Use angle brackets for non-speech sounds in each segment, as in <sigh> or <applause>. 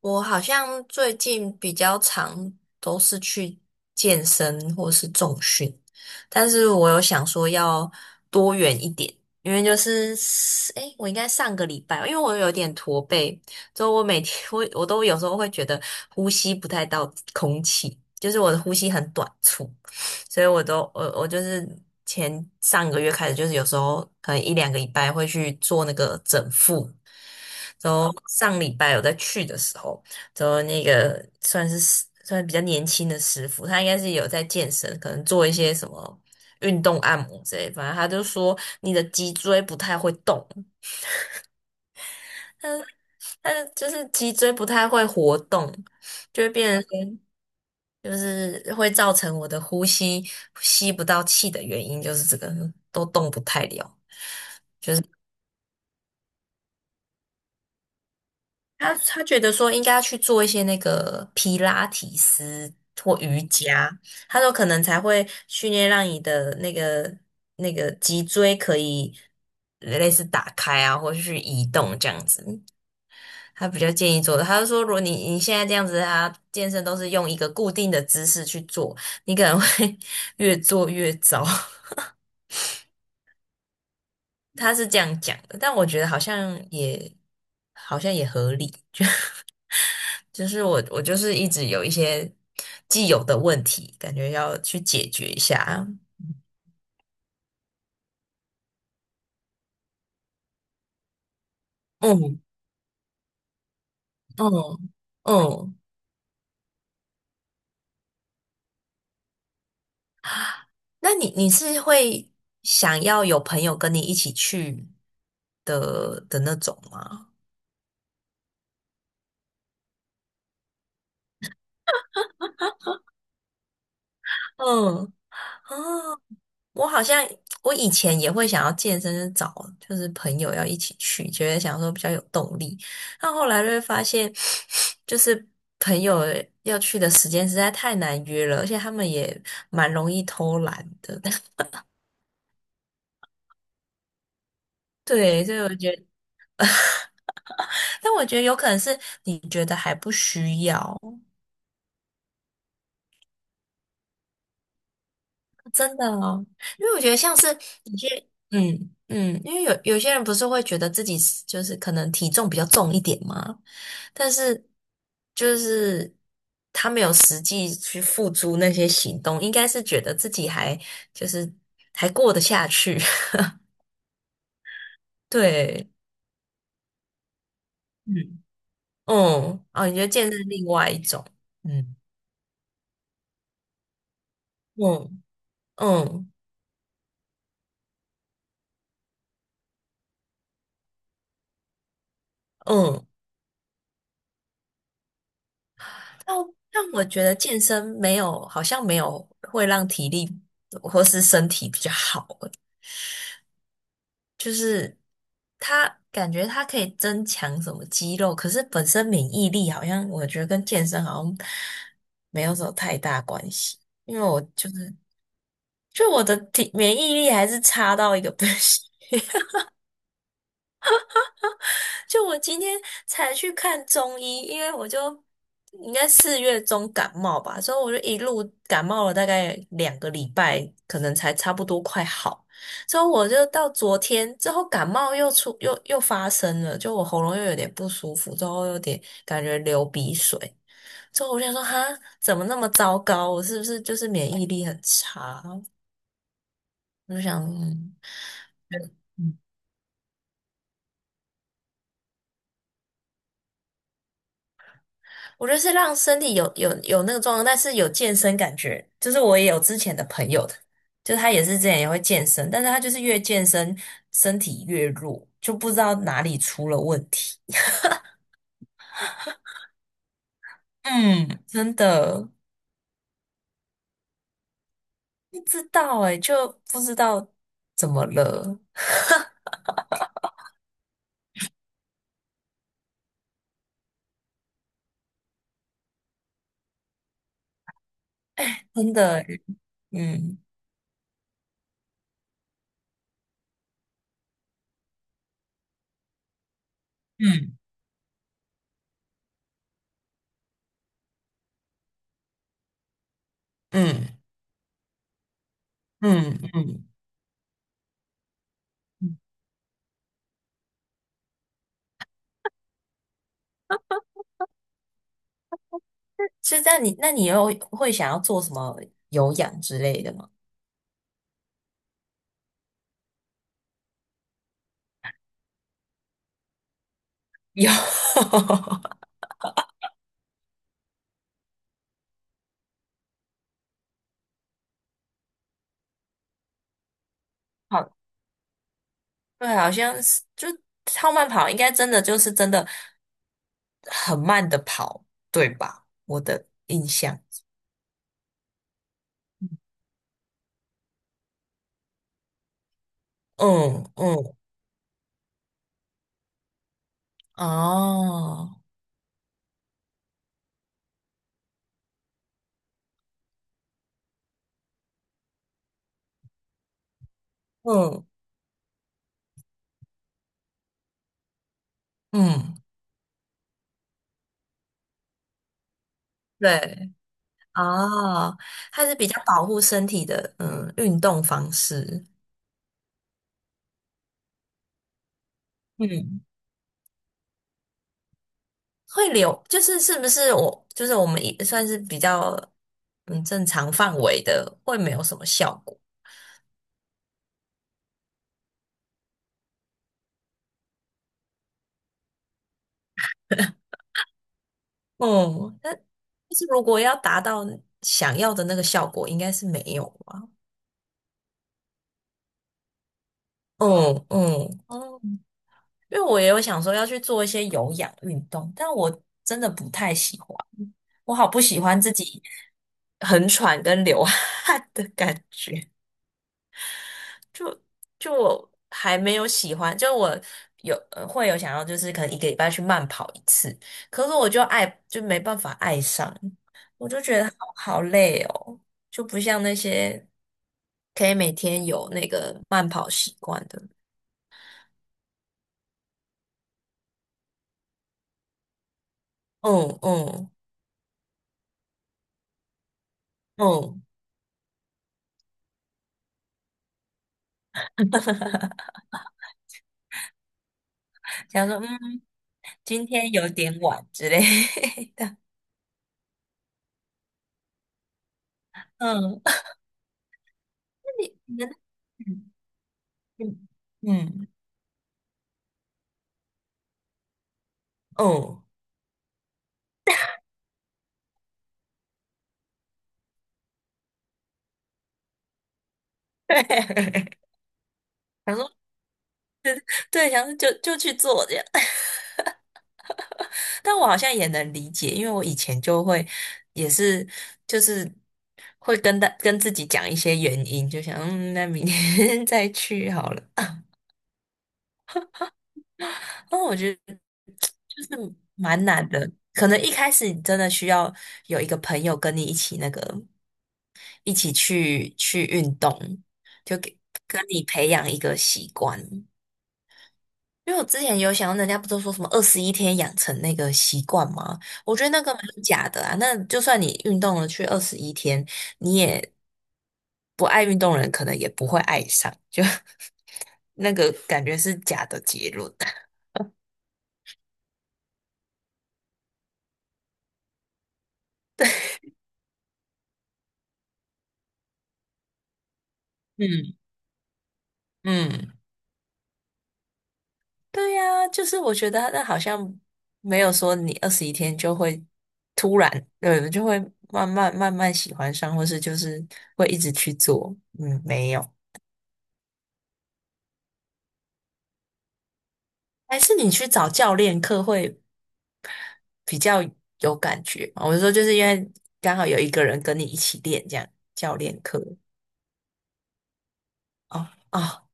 我好像最近比较常都是去健身或是重训，但是我有想说要多元一点，因为就是我应该上个礼拜，因为我有点驼背，所以我每天我都有时候会觉得呼吸不太到空气，就是我的呼吸很短促，所以我都我我就是上个月开始，就是有时候可能一两个礼拜会去做那个整腹。然后上礼拜我在去的时候，然后那个算是比较年轻的师傅，他应该是有在健身，可能做一些什么运动按摩之类，反正他就说你的脊椎不太会动，但是就是脊椎不太会活动，就会变成说就是会造成我的呼吸吸不到气的原因，就是这个都动不太了。他觉得说应该要去做一些那个皮拉提斯或瑜伽，他说可能才会训练让你的那个脊椎可以类似打开啊，或者是移动这样子。他比较建议做的，他就说如果你现在这样子，他健身都是用一个固定的姿势去做，你可能会 <laughs> 越做越糟。<laughs> 他是这样讲的，但我觉得好像也好像也合理。就是我就是一直有一些既有的问题，感觉要去解决一下。嗯嗯嗯。那你是会想要有朋友跟你一起去的那种吗？嗯。哦，我好像我以前也会想要健身，就是找就是朋友要一起去，觉得想说比较有动力。但后来就会发现，就是朋友要去的时间实在太难约了，而且他们也蛮容易偷懒的。<laughs> 对，所以我觉得，但我觉得有可能是你觉得还不需要，真的哦，因为我觉得像是有些，因为有些人不是会觉得自己是就是可能体重比较重一点嘛，但是就是他没有实际去付诸那些行动，应该是觉得自己还就是还过得下去，<laughs> 对，嗯嗯，哦，你觉得健身另外一种，嗯嗯嗯嗯。但但我觉得健身没有，好像没有会让体力或是身体比较好，就是它感觉它可以增强什么肌肉，可是本身免疫力好像我觉得跟健身好像没有什么太大关系，因为我就是就我的体免疫力还是差到一个不行。就我今天才去看中医，因为我就应该4月中感冒吧，所以我就一路感冒了大概两个礼拜，可能才差不多快好。之后我就到昨天之后感冒又出又又发生了，就我喉咙又有点不舒服，之后有点感觉流鼻水。之后我就想说，哈，怎么那么糟糕？我是不是就是免疫力很差？我就想，嗯，我觉得是让身体有那个状况，但是有健身感觉。就是我也有之前的朋友的，就他也是之前也会健身，但是他就是越健身身体越弱，就不知道哪里出了问题。嗯，真的不知道哎、就不知道怎么了，真的。嗯嗯嗯嗯嗯嗯。所以那你又会想要做什么有氧之类的吗？有，<laughs> 好。对，好像是就超慢跑，应该真的真的很慢的跑，对吧？我的印象，嗯嗯，哦，嗯嗯，对，哦，它是比较保护身体的，嗯，运动方式嗯，会流，就是是不是我们也算是比较嗯正常范围的，会没有什么效果。哦，那但是如果要达到想要的那个效果，应该是没有吧？嗯嗯，哦，因为我也有想说要去做一些有氧运动，但我真的不太喜欢，我好不喜欢自己很喘跟流汗的感觉。就我还没有喜欢，就我有会有想要，就是可能1个礼拜去慢跑一次，可是我就没办法爱上，我就觉得好好累哦，就不像那些可以每天有那个慢跑习惯的。嗯嗯嗯，想说嗯，今天有点晚之类的。<laughs> 嗯，真的很嗯嗯嗯，对，<laughs> 想说对，想说就去做这样。<laughs> 但我好像也能理解，因为我以前就会也是就是会跟自己讲一些原因，就想嗯，那明天 <laughs> 再去好了。那我觉得就是蛮难的，可能一开始你真的需要有一个朋友跟你一起那个一起去运动，就给跟你培养一个习惯。因为我之前有想到，人家不都说什么二十一天养成那个习惯吗？我觉得那个蛮假的啊。那就算你运动了去二十一天，你也不爱运动的人，可能也不会爱上，就 <laughs> 那个感觉是假的结论。<laughs> 嗯嗯。对呀，就是我觉得那好像没有说你二十一天就会突然，对，就会慢慢慢慢喜欢上，或是就是会一直去做。嗯，没有，还是你去找教练课会比较有感觉嘛我是说，就是因为刚好有一个人跟你一起练，这样教练课。哦哦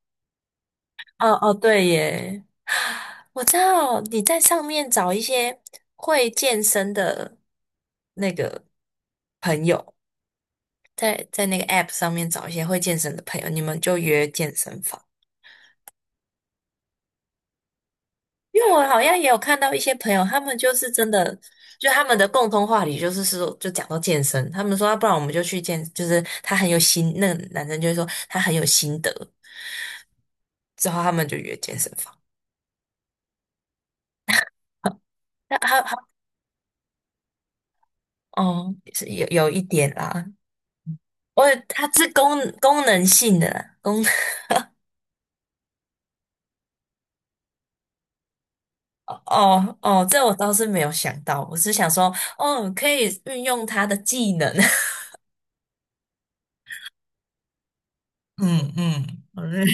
哦哦，对耶，<sighs> 我知道你在上面找一些会健身的那个朋友。在那个 App 上面找一些会健身的朋友，你们就约健身房。因为我好像也有看到一些朋友，他们就是真的，就他们的共同话题就是说，就讲到健身，他们说，啊不然我们就去健，就是他很有心，那个男生就会说他很有心得，之后他们就约健身房。那他哦，是有一点啦，我他是功能性的啦，功能哦哦，这我倒是没有想到，我是想说，哦，可以运用他的技能。嗯嗯，<laughs> 好嘞，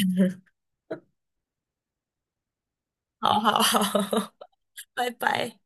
好好好，<laughs> 拜拜。